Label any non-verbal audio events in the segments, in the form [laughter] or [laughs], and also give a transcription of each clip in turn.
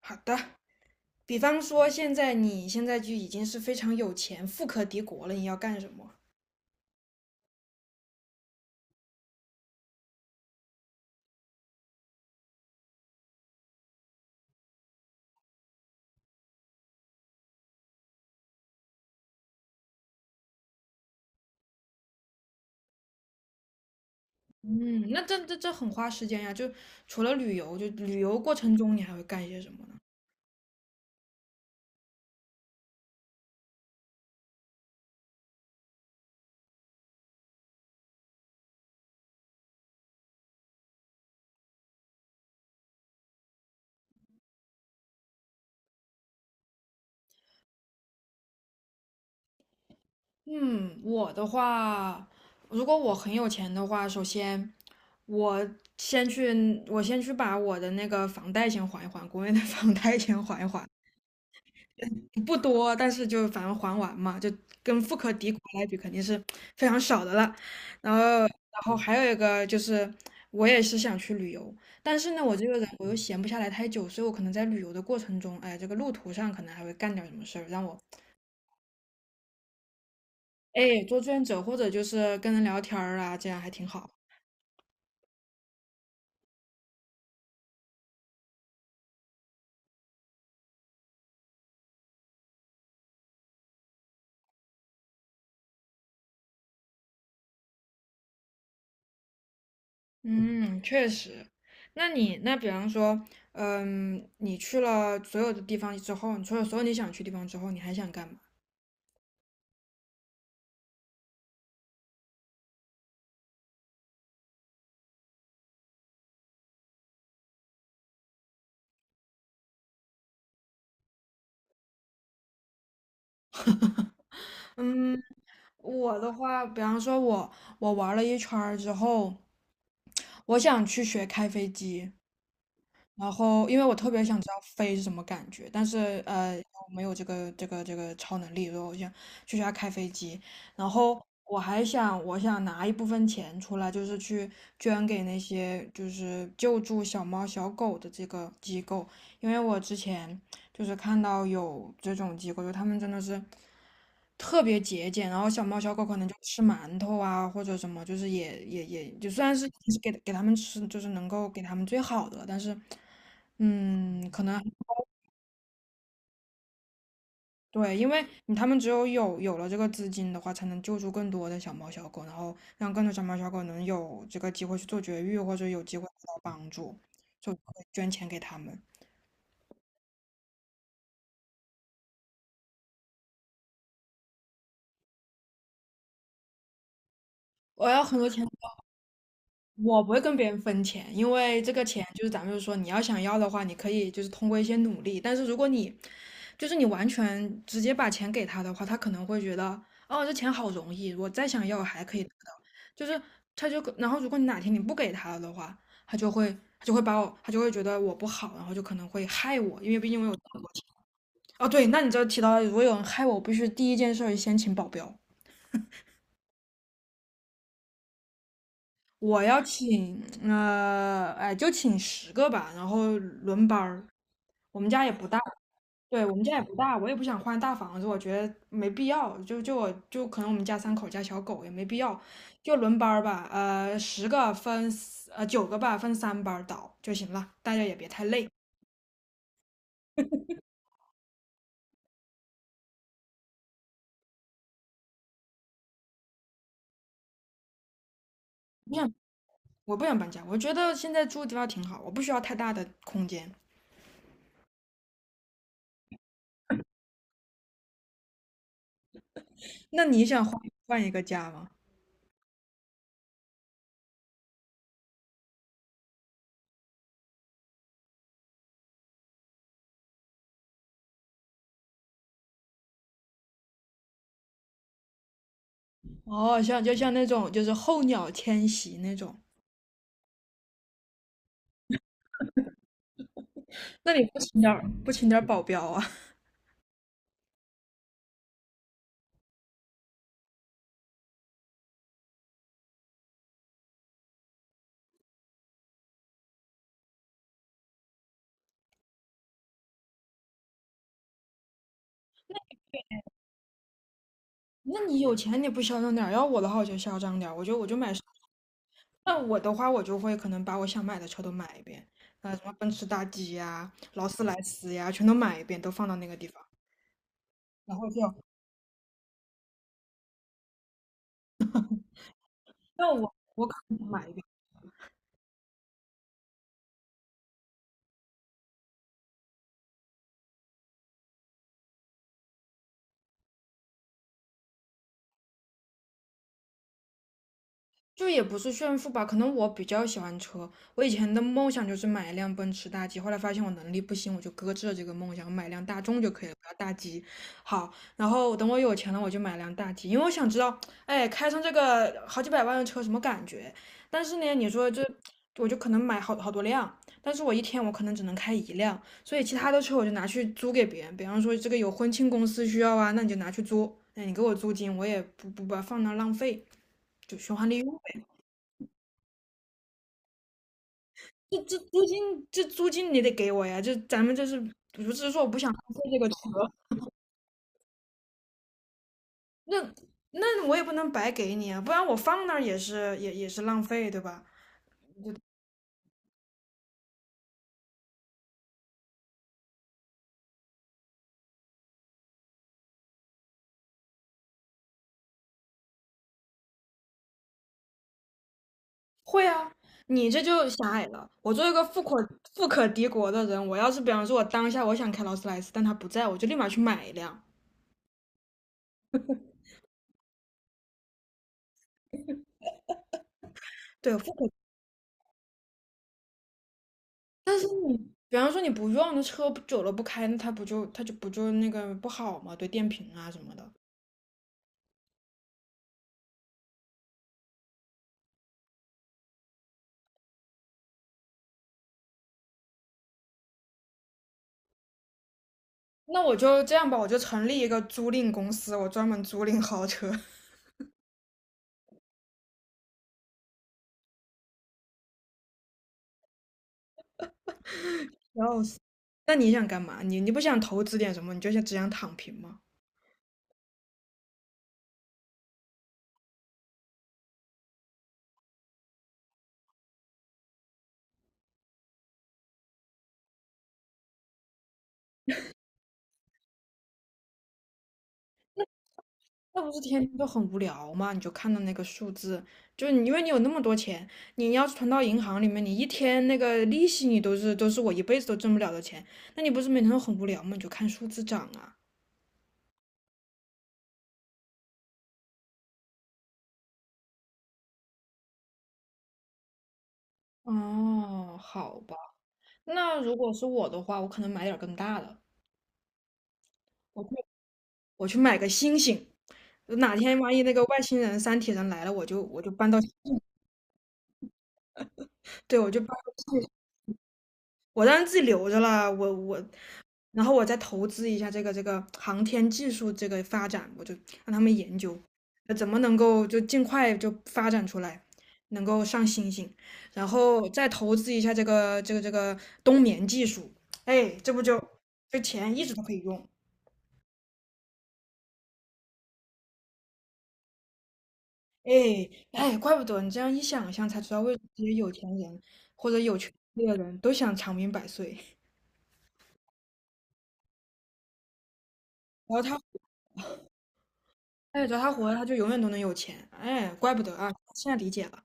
好的，比方说你现在就已经是非常有钱、富可敌国了，你要干什么？嗯，那这很花时间呀。就除了旅游，就旅游过程中你还会干一些什么呢？嗯，我的话，如果我很有钱的话，首先我我先去把我的那个房贷先还一还，国内的 [laughs] 房贷先还一还，不多，但是就反正还完嘛，就跟富可敌国来比，肯定是非常少的了。然后还有一个就是，我也是想去旅游，但是呢，我这个人我又闲不下来太久，所以我可能在旅游的过程中，哎，这个路途上可能还会干点什么事儿，让我哎做志愿者或者就是跟人聊天儿啊，这样还挺好。嗯，确实。那你比方说，嗯，你去了所有的地方之后，你去了所有你想去的地方之后，你还想干嘛？嗯，我的话，比方说我玩了一圈儿之后，我想去学开飞机，然后因为我特别想知道飞是什么感觉，但是我没有这个超能力，所以我想去学下开飞机。然后我想拿一部分钱出来，就是去捐给那些就是救助小猫小狗的这个机构，因为我之前就是看到有这种机构，就他们真的是特别节俭，然后小猫小狗可能就吃馒头啊或者什么，就是也就虽然是给他们吃，就是能够给他们最好的，但是可能对，因为他们只有了这个资金的话，才能救助更多的小猫小狗，然后让更多小猫小狗能有这个机会去做绝育，或者有机会得到帮助，就会捐钱给他们。我要很多钱，我不会跟别人分钱，因为这个钱就是咱们就说你要想要的话，你可以就是通过一些努力。但是如果你就是你完全直接把钱给他的话，他可能会觉得哦，这钱好容易，我再想要还可以得到。就是他就然后如果你哪天你不给他了的话，他就会觉得我不好，然后就可能会害我，因为毕竟我有这么多钱。哦，对，那你这提到了如果有人害我，我必须第一件事儿先请保镖。我要请，哎，就请十个吧，然后轮班儿。我们家也不大，对，我们家也不大，我也不想换大房子，我觉得没必要。就我就可能我们家三口加小狗也没必要，就轮班儿吧。呃，十个分九个吧，分三班儿倒就行了，大家也别太累。不想我不想搬家，我觉得现在住的地方挺好，我不需要太大的空间。那你想换一个家吗？哦，像就像那种就是候鸟迁徙那种。那你不请点儿保镖啊？[laughs] 那你有钱你不嚣张点儿？要我的话我就嚣张点儿，我就买。那我的话我就会可能把我想买的车都买一遍，啊、什么奔驰大 G 呀、劳斯莱斯呀，全都买一遍，都放到那个地方。然后就，那我可能买一遍。就也不是炫富吧，可能我比较喜欢车。我以前的梦想就是买一辆奔驰大 G，后来发现我能力不行，我就搁置了这个梦想，买辆大众就可以了，不要大 G。好，然后等我有钱了，我就买辆大 G，因为我想知道，哎，开上这个好几百万的车什么感觉？但是呢，你说这，我就可能买好多辆，但是我一天我可能只能开一辆，所以其他的车我就拿去租给别人，比方说这个有婚庆公司需要啊，那你就拿去租，那你给我租金，我也不把它放那儿浪费，就循环利用。这租金，这租金你得给我呀！就咱们这是不是说我不想浪费这个车？那那我也不能白给你啊，不然我放那儿也是浪费，对吧？会啊，你这就狭隘了。我作为一个富可敌国的人，我要是比方说我当下我想开劳斯莱斯，但他不在，我就立马去买一辆。对，但是你比方说你不用，的车久了不开，那它不就那个不好嘛？对电瓶啊什么的。那我就这样吧，我就成立一个租赁公司，我专门租赁豪车。[laughs] 然后，那你想干嘛？你不想投资点什么？你就想只想躺平吗？那不是天天都很无聊吗？你就看到那个数字，就是你因为你有那么多钱，你要是存到银行里面，你一天那个利息你都是我一辈子都挣不了的钱，那你不是每天都很无聊吗？你就看数字涨啊。哦，好吧，那如果是我的话，我可能买点儿更大的，我去我去买个星星。哪天万一那个外星人、三体人来了，我就搬到，对，我就搬到自己，我当然自己留着了，然后我再投资一下这个航天技术这个发展，我就让他们研究，怎么能够就尽快就发展出来，能够上星星，然后再投资一下这个冬眠技术，哎，这不就这钱一直都可以用。哎哎，怪不得你这样一想象才知道，为什么这些有钱人或者有权利的人都想长命百岁。然后他，哎，只要他活着，他就永远都能有钱。哎，怪不得啊，现在理解了。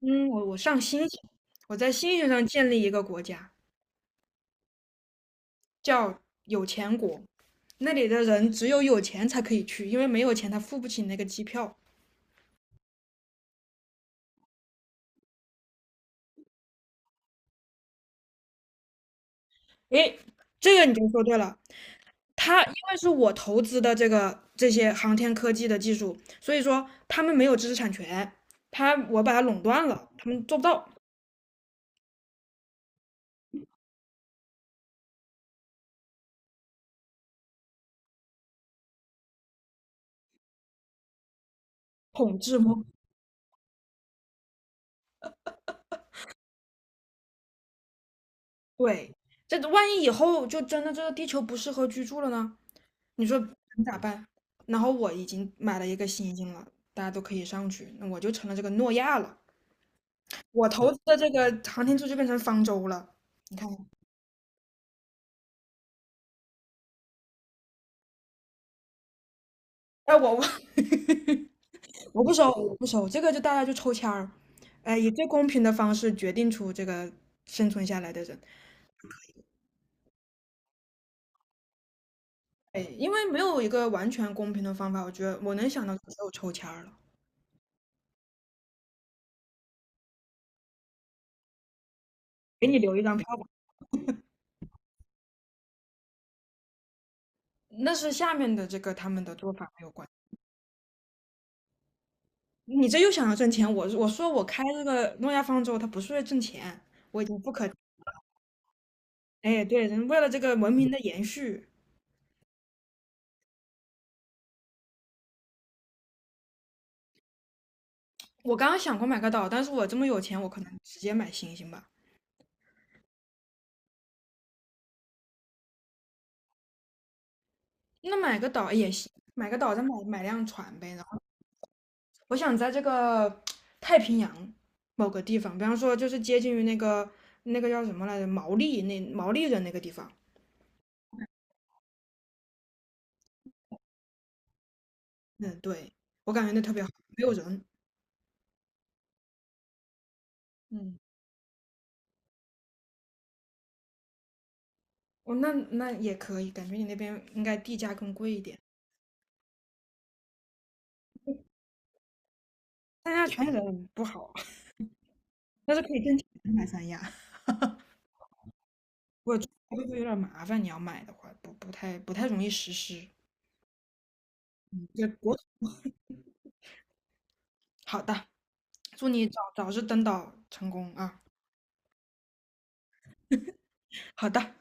嗯，我上星星，我在星星上建立一个国家，叫有钱国。那里的人只有有钱才可以去，因为没有钱他付不起那个机票。哎，这个你就说对了。他因为是我投资的这些航天科技的技术，所以说他们没有知识产权，我把它垄断了，他们做不到统治吗？对，这万一以后就真的这个地球不适合居住了呢？你说你咋办？然后我已经买了一个新星了，大家都可以上去，那我就成了这个诺亚了。我投资的这个航天柱就变成方舟了。你看，哎，我 [laughs] 我不收，我不收，这个就大家就抽签儿，哎，以最公平的方式决定出这个生存下来的人，哎，因为没有一个完全公平的方法，我觉得我能想到只有抽签儿了，给你留一张票吧，那是下面的这个他们的做法没有关系你这又想要挣钱，我说我开这个诺亚方舟，它不是为了挣钱，我已经不可，哎，对，人为了这个文明的延续，我刚刚想过买个岛，但是我这么有钱，我可能直接买星星吧，那买个岛也行，买个岛再买辆船呗。我想在这个太平洋某个地方，比方说就是接近于那个叫什么来着，毛利人那个地方。嗯，对，我感觉那特别好，没有人。嗯，哦，那也可以，感觉你那边应该地价更贵一点。三亚全人不好啊。但是可以挣钱买三亚。我觉得会不会有点麻烦？你要买的话，不太容易实施。这国好的，祝你早日登岛成功啊！好的。